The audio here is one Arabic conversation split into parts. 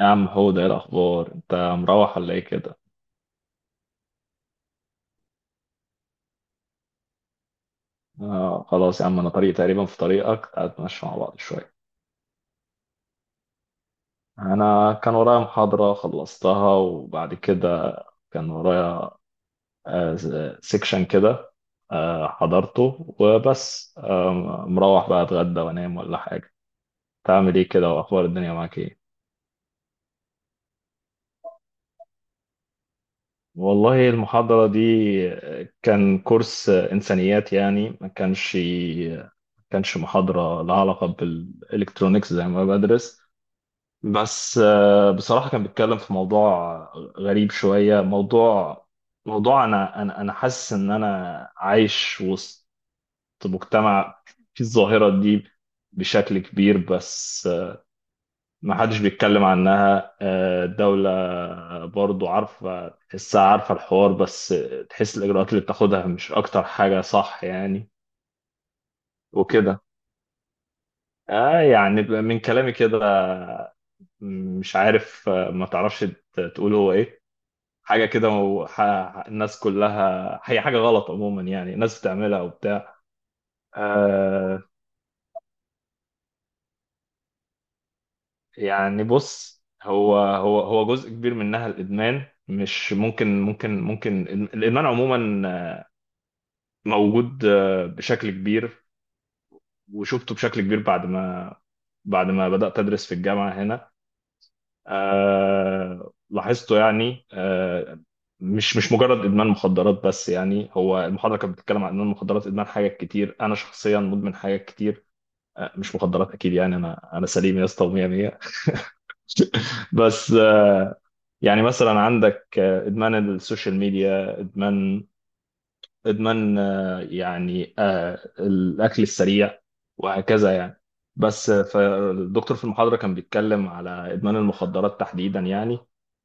يا عم، هو ده إيه الاخبار؟ انت مروح ولا ايه كده؟ آه خلاص يا عم، انا طريق تقريبا في طريقك. تعال نتمشى مع بعض شويه. انا كان ورايا محاضره خلصتها وبعد كده، كان ورايا آه سيكشن كده. حضرته وبس. مروح بقى اتغدى وانام ولا حاجه. تعمل ايه كده؟ واخبار الدنيا معاك ايه؟ والله المحاضرة دي، كان كورس إنسانيات، يعني ما كانش محاضرة لها علاقة بالإلكترونيكس زي ما بدرس. بس، بصراحة كان بيتكلم في موضوع غريب شوية. موضوع أنا حاسس إن أنا عايش وسط مجتمع فيه الظاهرة دي بشكل كبير، بس ما حدش بيتكلم عنها. الدولة برضو عارفة، تحسها، عارفة الحوار، بس تحس الإجراءات اللي بتاخدها مش أكتر حاجة صح، يعني. وكده. يعني من كلامي كده مش عارف، ما تعرفش تقول هو إيه. حاجة كده الناس كلها، هي حاجة غلط عموما، يعني الناس بتعملها وبتاع. آه يعني بص، هو جزء كبير منها الإدمان. مش ممكن الإدمان عموما موجود، بشكل كبير، وشفته بشكل كبير بعد ما بدأت أدرس في الجامعة هنا. لاحظته يعني، مش مجرد إدمان مخدرات، بس يعني هو المحاضرة كانت بتتكلم عن إدمان المخدرات، إدمان حاجات كتير. أنا شخصيا مدمن حاجات كتير، مش مخدرات أكيد، يعني أنا سليم يا اسطى ومية مية. بس، يعني مثلا عندك، إدمان السوشيال ميديا، إدمان يعني، الأكل السريع وهكذا يعني. بس، فالدكتور في المحاضرة كان بيتكلم على إدمان المخدرات تحديدا، يعني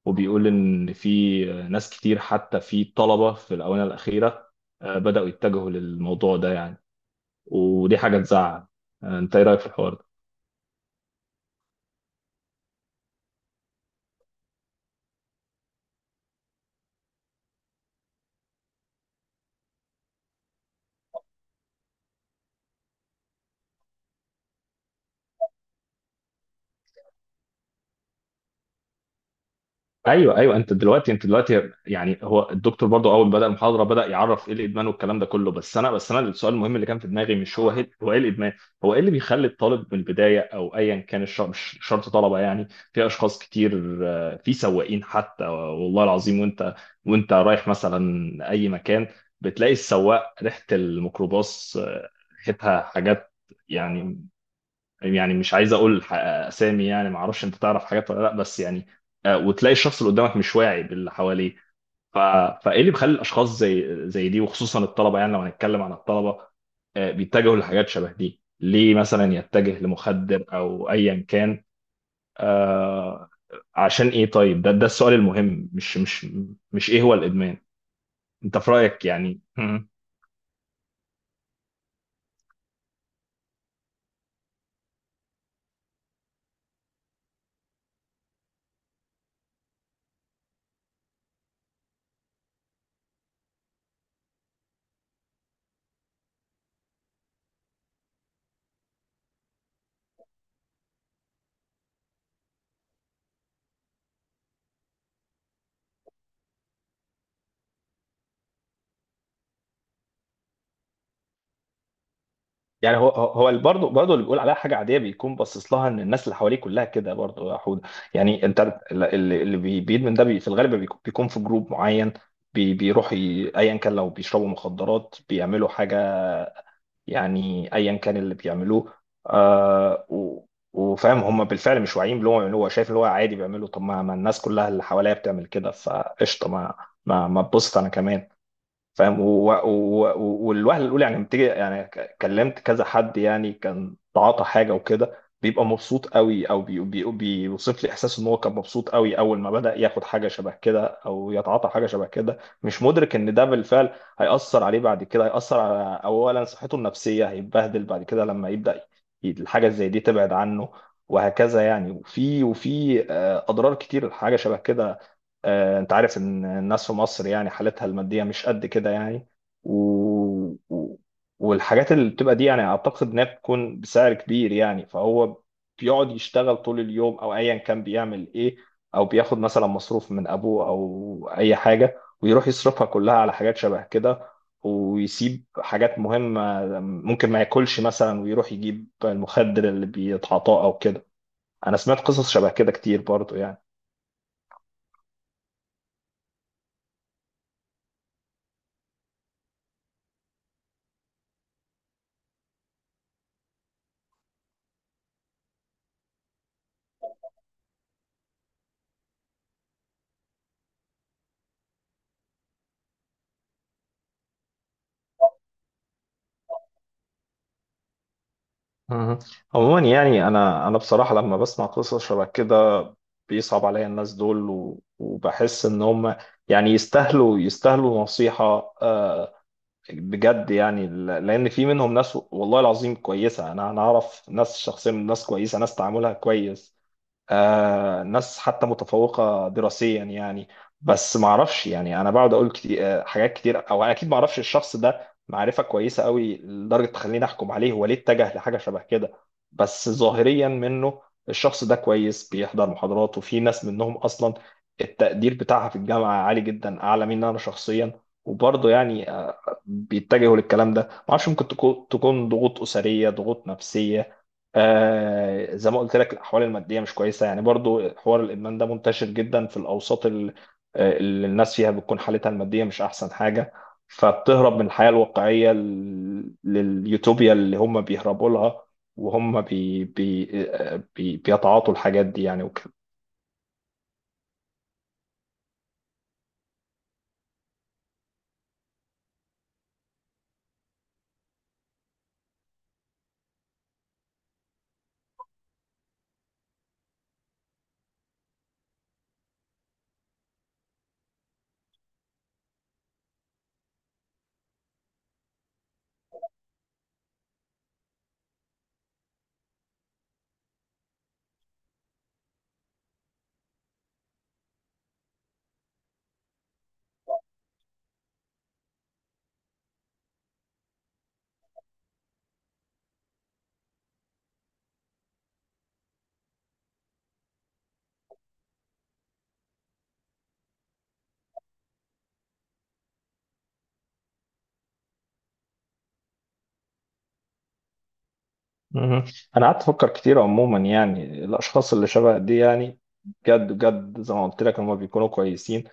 وبيقول إن في ناس كتير، حتى في طلبة في الآونة الأخيرة بدأوا يتجهوا للموضوع ده يعني. ودي حاجة تزعل. أنت إيه رأيك في الحوار ده؟ ايوه ايوه، انت دلوقتي يعني هو الدكتور برضو اول ما بدا المحاضره بدا يعرف ايه الادمان والكلام ده كله. بس انا السؤال المهم اللي كان في دماغي مش هو هي هو ايه الادمان؟ هو ايه اللي بيخلي الطالب من البدايه، او ايا كان مش شرط طلبه. يعني في اشخاص كتير، في سواقين حتى والله العظيم. وانت رايح مثلا اي مكان بتلاقي السواق ريحه الميكروباص، ريحتها حاجات، يعني مش عايز اقول اسامي، يعني ما اعرفش انت تعرف حاجات ولا لا، بس يعني وتلاقي الشخص اللي قدامك مش واعي باللي حواليه. ف... فايه اللي بيخلي الاشخاص زي دي، وخصوصا الطلبه. يعني لو هنتكلم عن الطلبه بيتجهوا لحاجات شبه دي ليه؟ مثلا يتجه لمخدر او ايا كان، آه، عشان ايه؟ طيب ده السؤال المهم، مش مش مش ايه هو الادمان؟ انت في رايك يعني؟ يعني هو هو برضه اللي بيقول عليها حاجه عاديه بيكون باصص لها، ان الناس اللي حواليه كلها كده، برضه يا حود. يعني انت اللي بيدمن ده، في الغالب بيكون في جروب معين، بيروح ايا كان لو بيشربوا مخدرات بيعملوا حاجه، يعني ايا كان اللي بيعملوه. آه و- وفاهم، هم بالفعل مش واعيين باللي هو بيعملوه. هو شايف اللي هو عادي بيعمله. طب ما الناس كلها اللي حواليا بتعمل كده، فقشطه، ما تبسط انا كمان. فاهم. والوهله الاولى يعني لما تيجي يعني كلمت كذا حد يعني كان تعاطى حاجه وكده، بيبقى مبسوط قوي، او بي بي بيوصف لي احساس ان هو كان مبسوط قوي اول ما بدا ياخد حاجه شبه كده او يتعاطى حاجه شبه كده، مش مدرك ان ده بالفعل هيأثر عليه بعد كده. هيأثر على اولا صحته النفسيه، هيتبهدل بعد كده لما يبدا الحاجه زي دي تبعد عنه، وهكذا يعني. وفي اضرار كتير الحاجه شبه كده. انت عارف ان الناس في مصر يعني حالتها المادية مش قد كده يعني. و... و... والحاجات اللي بتبقى دي، يعني اعتقد انها بتكون بسعر كبير يعني، فهو بيقعد يشتغل طول اليوم او ايا كان بيعمل ايه، او بياخد مثلا مصروف من ابوه او اي حاجة ويروح يصرفها كلها على حاجات شبه كده، ويسيب حاجات مهمة. ممكن ما ياكلش مثلا ويروح يجيب المخدر اللي بيتعاطاه او كده. انا سمعت قصص شبه كده كتير برضو يعني. مهم. عموما يعني انا بصراحه لما بسمع قصص شبه كده بيصعب عليا الناس دول، وبحس ان هم يعني يستاهلوا نصيحه، آه، بجد يعني. لان في منهم ناس والله العظيم كويسه، انا اعرف ناس شخصيا، ناس كويسه، ناس تعاملها كويس. ناس حتى متفوقة دراسيا يعني. بس ما اعرفش، يعني انا بقعد اقول كتير حاجات كتير، او انا اكيد ما اعرفش الشخص ده معرفة كويسة قوي لدرجة تخليني احكم عليه هو ليه اتجه لحاجة شبه كده. بس ظاهريا منه الشخص ده كويس، بيحضر محاضرات، وفي ناس منهم اصلا التقدير بتاعها في الجامعة عالي جدا، اعلى مني انا شخصيا. وبرضه يعني بيتجهوا للكلام ده، ما اعرفش. ممكن تكون ضغوط أسرية، ضغوط نفسية. زي ما قلت لك، الاحوال الماديه مش كويسه، يعني برضو حوار الادمان ده منتشر جدا في الاوساط اللي الناس فيها بتكون حالتها الماديه مش احسن حاجه، فبتهرب من الحياه الواقعيه لليوتوبيا اللي هم بيهربوا لها، وهم بي بي بيتعاطوا الحاجات دي يعني. مهم. انا قعدت افكر كتير، عموما يعني الاشخاص اللي شبه دي، يعني بجد بجد زي ما قلت لك هم بيكونوا كويسين،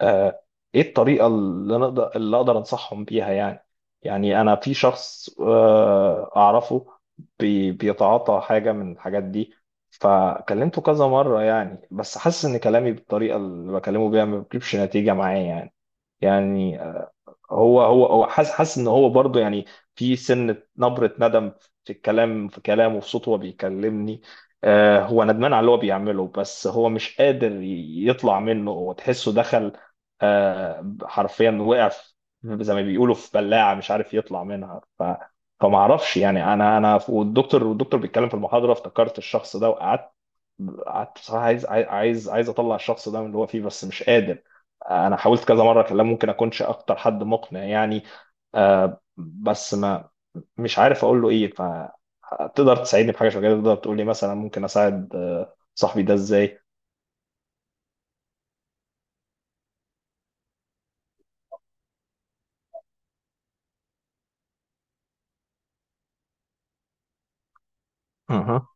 آه ايه الطريقه اللي اقدر انصحهم بيها يعني؟ يعني انا في شخص اعرفه بيتعاطى حاجه من الحاجات دي، فكلمته كذا مره. يعني بس حاسس ان كلامي بالطريقه اللي بكلمه بيها ما بيجيبش نتيجه معايا يعني. يعني هو حاسس ان هو برضه يعني في سنة، نبرة ندم في الكلام، في كلامه، في صوته وهو بيكلمني. هو ندمان على اللي هو بيعمله، بس هو مش قادر يطلع منه. هو تحسه دخل، حرفيا وقع زي ما بيقولوا في بلاعة مش عارف يطلع منها. فما اعرفش يعني. انا، والدكتور بيتكلم في المحاضرة افتكرت الشخص ده، قعدت بصراحه عايز عاي- عايز عايز اطلع الشخص ده من اللي هو فيه بس مش قادر. انا حاولت كذا مره اكلمه. ممكن اكونش اكتر حد مقنع يعني، بس ما مش عارف اقول له ايه. فتقدر تساعدني في حاجه شبه كده؟ تقدر تقول لي مثلا ممكن اساعد صاحبي ده ازاي؟ مهم.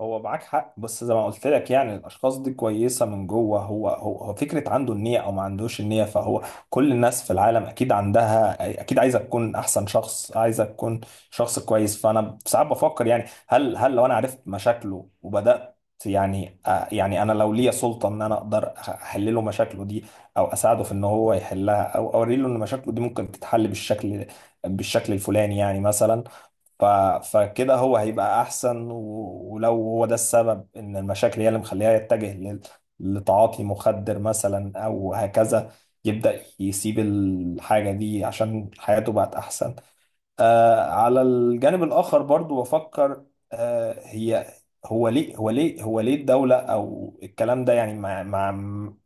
هو معاك حق، بس زي ما قلت لك يعني الاشخاص دي كويسه من جوه. هو فكره عنده النيه او ما عندوش النيه، فهو كل الناس في العالم اكيد عندها، اكيد عايزه تكون احسن شخص، عايزه تكون شخص كويس. فانا ساعات بفكر يعني هل لو انا عرفت مشاكله وبدات، يعني يعني انا لو ليا سلطه ان انا اقدر احل له مشاكله دي، او اساعده في ان هو يحلها، او اوري له ان مشاكله دي ممكن تتحل بالشكل، الفلاني يعني مثلا. ف... فكده هو هيبقى احسن، ولو هو ده السبب، ان المشاكل هي اللي مخليها يتجه لتعاطي مخدر مثلا او هكذا، يبدأ يسيب الحاجة دي عشان حياته بقت احسن. على الجانب الآخر برضو بفكر، آه هي هو ليه الدولة أو الكلام ده يعني مع مع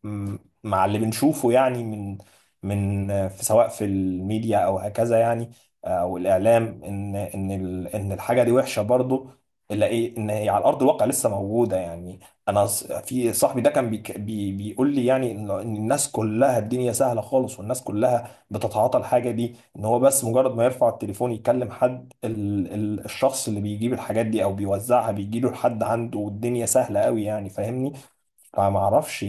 م- مع اللي بنشوفه يعني من سواء في الميديا أو هكذا يعني، أو الإعلام، إن الحاجة دي وحشة. برضو إلا إيه إن هي على أرض الواقع لسه موجودة يعني. أنا في صاحبي ده كان بيك- بي بيقول لي يعني إن الناس كلها الدنيا سهلة خالص، والناس كلها بتتعاطى الحاجة دي، ان هو بس مجرد ما يرفع التليفون يكلم حد، ال ال الشخص اللي بيجيب الحاجات دي او بيوزعها بيجيله لحد عنده. والدنيا سهله قوي يعني، فاهمني. فما اعرفش،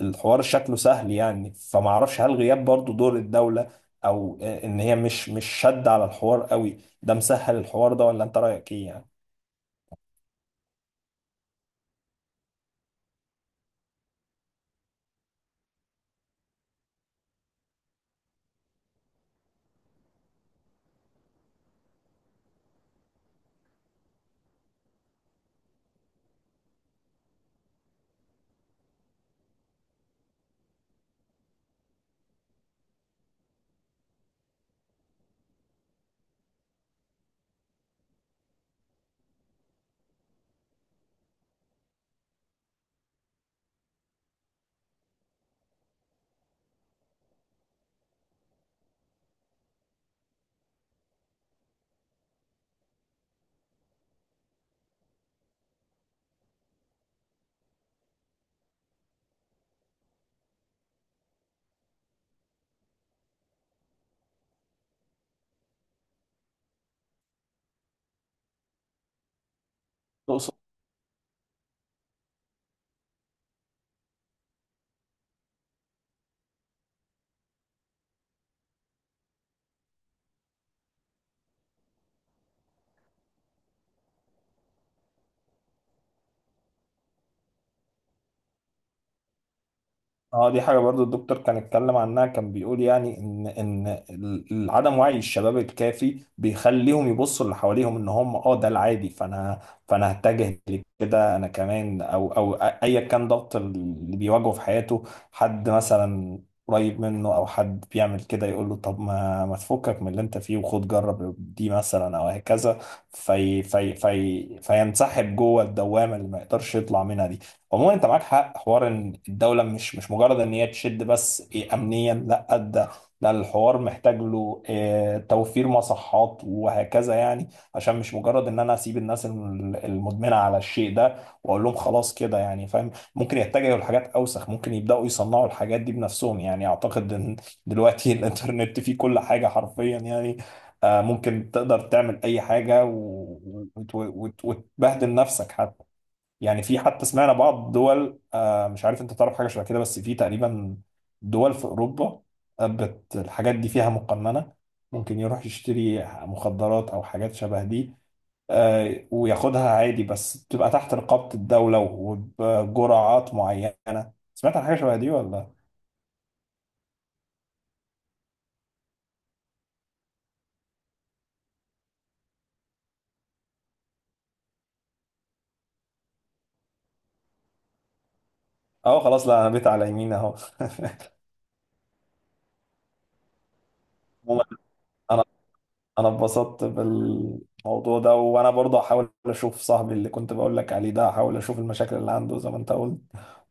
الحوار شكله سهل يعني. فما اعرفش، هل غياب برضو دور الدوله، او ان هي مش شد على الحوار قوي ده مسهل الحوار ده؟ ولا انت رايك ايه يعني؟ اه دي حاجة برضو الدكتور كان اتكلم عنها، كان بيقول يعني عدم وعي الشباب الكافي بيخليهم يبصوا اللي حواليهم ان هم ده العادي، فانا هتجه لكده انا كمان، او ايا كان ضغط اللي بيواجهه في حياته، حد مثلا قريب منه او حد بيعمل كده يقول له طب ما تفكك من اللي انت فيه وخد جرب دي مثلا او هكذا، في في في فينسحب جوه الدوامة اللي ما يقدرش يطلع منها دي. عموما انت معاك حق، حوار ان الدوله مش مجرد ان هي تشد بس إيه امنيا، لا. ده الحوار محتاج له إيه، توفير مصحات وهكذا يعني. عشان مش مجرد ان انا اسيب الناس المدمنه على الشيء ده واقول لهم خلاص كده، يعني فاهم ممكن يتجهوا لحاجات اوسخ، ممكن يبداوا يصنعوا الحاجات دي بنفسهم يعني. اعتقد ان دلوقتي الانترنت فيه كل حاجه حرفيا يعني، ممكن تقدر تعمل اي حاجه، وتبهدل نفسك حتى. يعني في، حتى سمعنا بعض دول، مش عارف انت تعرف حاجه شبه كده؟ بس في تقريبا دول في اوروبا بت الحاجات دي فيها مقننه. ممكن يروح يشتري مخدرات او حاجات شبه دي وياخدها عادي، بس بتبقى تحت رقابه الدوله وبجرعات معينه. سمعت عن حاجه شبه دي ولا؟ اه خلاص، لا، انا بيت على يمين اهو. عموماً، انا انا اتبسطت بالموضوع ده، وانا برضه هحاول اشوف صاحبي اللي كنت بقول لك عليه ده. هحاول اشوف المشاكل اللي عنده زي ما انت قلت،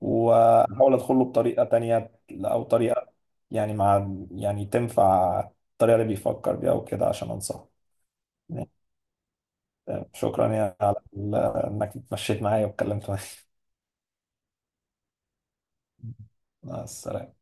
واحاول ادخله بطريقة تانية، او طريقة، يعني مع، يعني تنفع الطريقة اللي بيفكر بيها وكده، عشان انصحه. شكرا يعني على انك اتمشيت معايا واتكلمت معايا. مع السلامة.